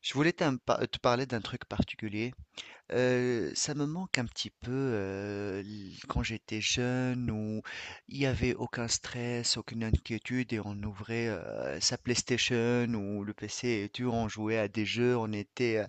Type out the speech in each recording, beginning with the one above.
Je voulais te parler d'un truc particulier. Ça me manque un petit peu quand j'étais jeune où il n'y avait aucun stress, aucune inquiétude et on ouvrait sa PlayStation ou le PC et on jouait à des jeux, on était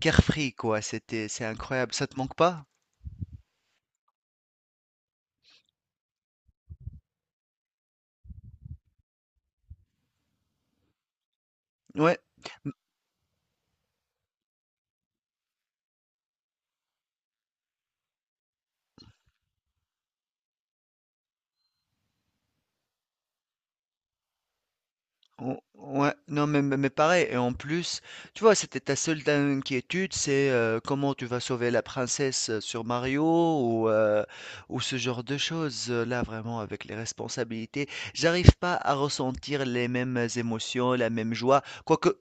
carefree quoi. C'est incroyable. Ça te manque pas? Ouais. Ouais, non, mais pareil, et en plus, tu vois, c'était ta seule inquiétude, c'est comment tu vas sauver la princesse sur Mario ou, euh, ou ce genre de choses. Là, vraiment, avec les responsabilités, j'arrive pas à ressentir les mêmes émotions, la même joie. Quoique,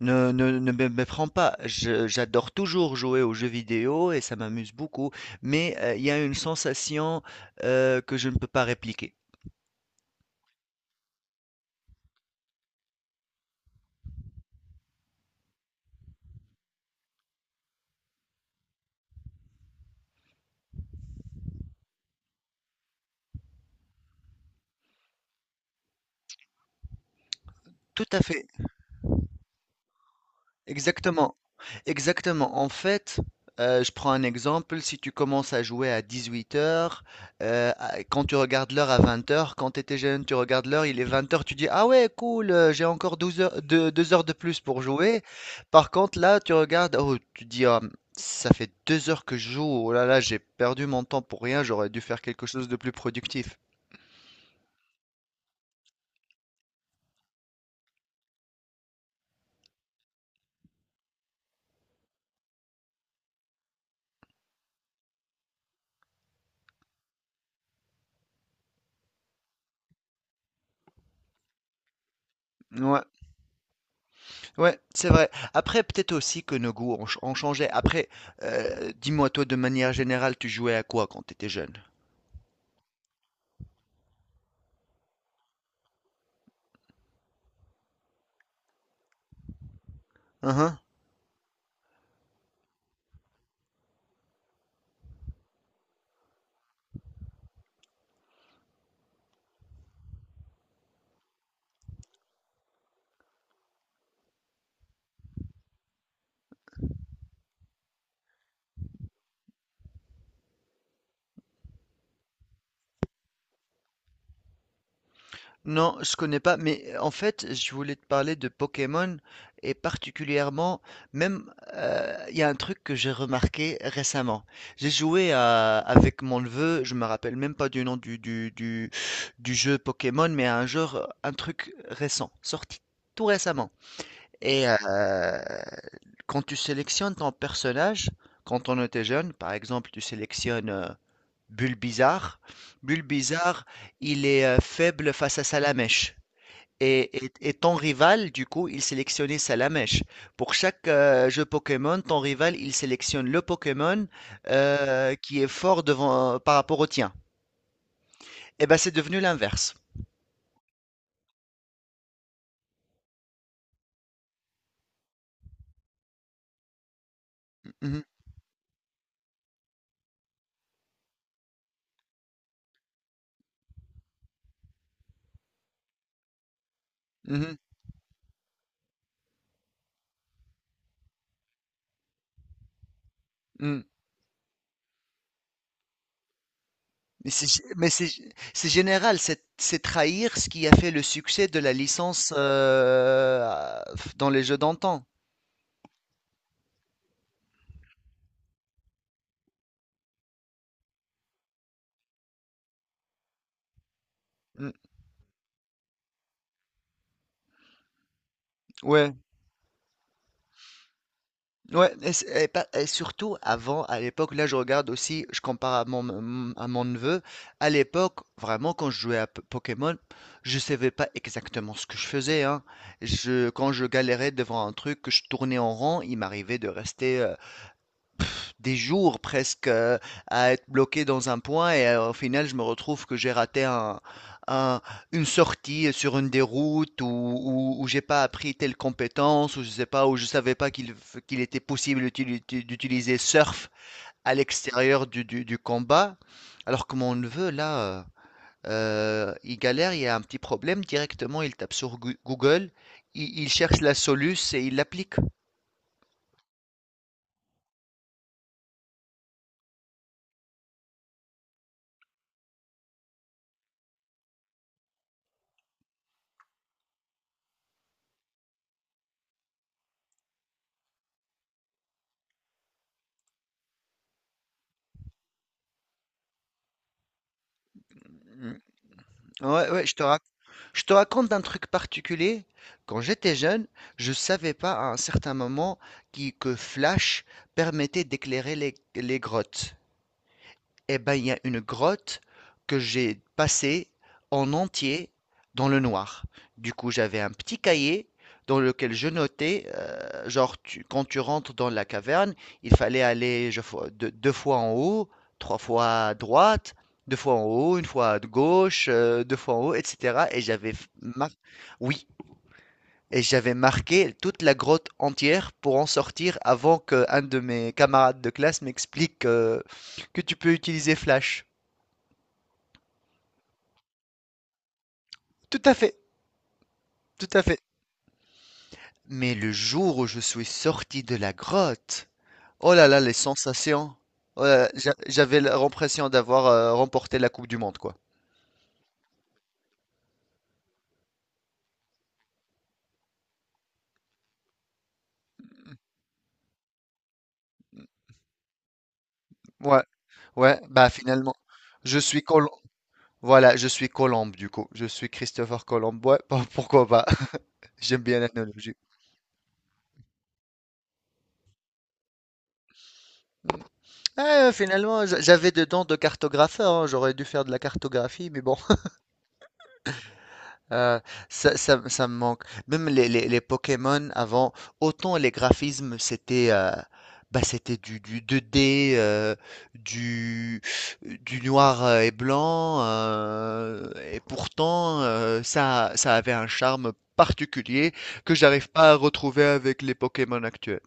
ne me méprends pas, j'adore toujours jouer aux jeux vidéo et ça m'amuse beaucoup, mais il y a une sensation que je ne peux pas répliquer. Tout à fait. Exactement, exactement. En fait, je prends un exemple, si tu commences à jouer à 18h, quand tu regardes l'heure à 20h, quand tu étais jeune, tu regardes l'heure, il est 20h, tu dis, ah ouais, cool, j'ai encore 12 heures, 2 heures de plus pour jouer. Par contre, là, tu regardes, oh, tu dis, ah, ça fait 2 heures que je joue, oh là là, j'ai perdu mon temps pour rien, j'aurais dû faire quelque chose de plus productif. Ouais. Ouais, c'est vrai. Après, peut-être aussi que nos goûts ont changé. Après, dis-moi, toi, de manière générale, tu jouais à quoi quand t'étais jeune? Hein, hein. Non, je connais pas, mais en fait, je voulais te parler de Pokémon et particulièrement, même, il y a un truc que j'ai remarqué récemment. Avec mon neveu, je me rappelle même pas du nom du jeu Pokémon, mais à un jeu, un truc récent, sorti tout récemment. Et quand tu sélectionnes ton personnage, quand on était jeune, par exemple, tu sélectionnes Bulbizarre. Bulbizarre, il est faible face à Salamèche. Et ton rival, du coup, il sélectionnait Salamèche. Pour chaque jeu Pokémon, ton rival, il sélectionne le Pokémon qui est fort devant, par rapport au tien. Et ben, c'est devenu l'inverse. Mhm, mhm, mhm. C'est général, c'est trahir ce qui a fait le succès de la licence dans les jeux d'antan. Mm. Ouais, ouais, et, c'est- et pas- et surtout avant, à l'époque, là je regarde aussi, je compare à à mon neveu, à l'époque, vraiment quand je jouais à Pokémon, je savais pas exactement ce que je faisais, hein. Quand je galérais devant un truc, que je tournais en rond, il m'arrivait de rester pff, des jours presque à être bloqué dans un point et au final je me retrouve que j'ai raté un- une sortie sur une des routes ou où j'ai pas appris telle compétence ou je sais pas où je savais pas qu'il était possible d'utiliser surf à l'extérieur du combat alors que mon neveu là il galère il y a un petit problème directement il tape sur Google il cherche la soluce et il l'applique. Ouais, ouais, je te rac- je te raconte un truc particulier. Quand j'étais jeune, je savais pas à un certain moment que Flash permettait d'éclairer les grottes. Eh ben, il y a une grotte que j'ai passée en entier dans le noir. Du coup, j'avais un petit cahier dans lequel je notais, genre, quand tu rentres dans la caverne, il fallait aller deux fois en haut, trois fois à droite, deux fois en haut, une fois à gauche, deux fois en haut, etc. Oui, et j'avais marqué toute la grotte entière pour en sortir avant que un de mes camarades de classe m'explique que tu peux utiliser Flash. Tout à fait, tout à fait. Mais le jour où je suis sorti de la grotte, oh là là, les sensations. Oh là là, j'avais l'impression d'avoir remporté la Coupe du Monde, quoi. Ouais, ouais, bah finalement, je suis Colomb. Voilà, je suis Colombe du coup. Je suis Christopher Colomb. Ouais, pourquoi pas? J'aime bien l'analogie. Ah, finalement, j'avais des dents de cartographeur, hein. J'aurais dû faire de la cartographie, mais bon. Euh, ça me manque. Même les Pokémon avant, autant les graphismes, c'était bah, c'était du 2D, du, du noir et blanc, et pourtant ça avait un charme particulier que j'arrive pas à retrouver avec les Pokémon actuels.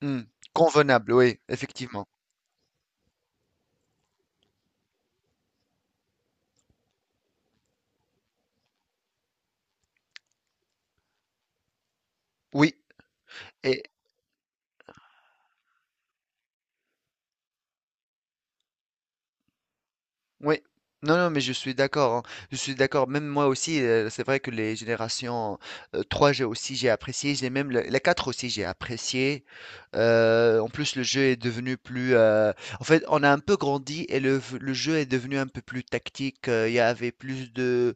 Hmm, convenable, oui, effectivement. Oui. Oui, non, non, mais je suis d'accord, hein. Je suis d'accord. Même moi aussi, c'est vrai que les générations 3, j'ai aussi, j'ai apprécié. J'ai même la 4 aussi, j'ai apprécié. En plus, le jeu est devenu plus. En fait, on a un peu grandi et le jeu est devenu un peu plus tactique. Il y avait plus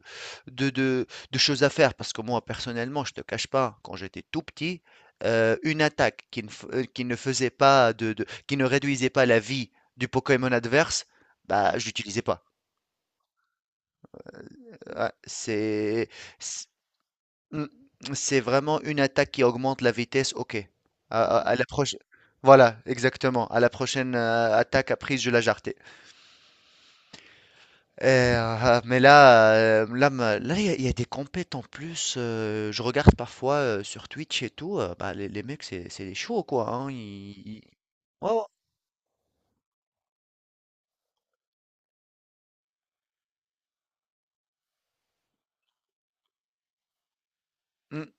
de, de, de choses à faire. Parce que moi, personnellement, je te cache pas, quand j'étais tout petit, une attaque qui ne faisait pas qui ne réduisait pas la vie du Pokémon adverse, bah, je l'utilisais pas. Ouais, c'est c- mm, c'est vraiment une attaque qui augmente la vitesse. Ok. À la proche. Voilà, exactement. À la prochaine attaque à prise, je la jarretais. Là, il y a des compètes en plus. Je regarde parfois sur Twitch et tout. Bah, les mecs, c'est des chauds quoi, hein, ouais, ouais. Mm,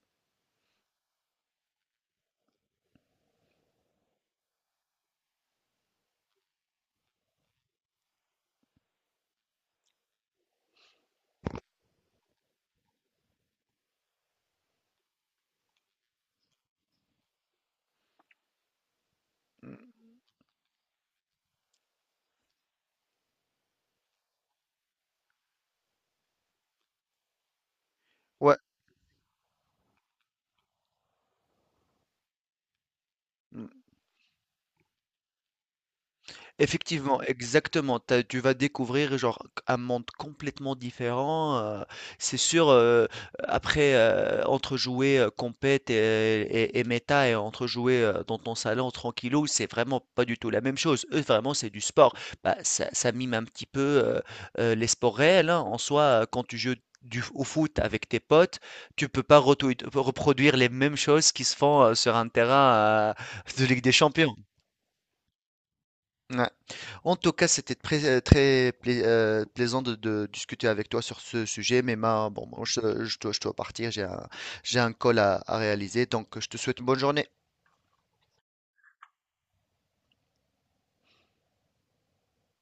ouais, mm. Effectivement, exactement. Tu vas découvrir genre un monde complètement différent. C'est sûr, entre jouer compète et méta et entre jouer dans ton salon tranquillou, c'est vraiment pas du tout la même chose. Eux, vraiment, c'est du sport. Bah, ça mime un petit peu les sports réels, hein. En soi, quand tu joues au foot avec tes potes, tu peux pas reproduire les mêmes choses qui se font sur un terrain de Ligue des Champions. Ouais. En tout cas, c'était très, plaisant de discuter avec toi sur ce sujet. Mais ma, bon, moi, je dois partir, j'ai un call à réaliser, donc je te souhaite une bonne journée.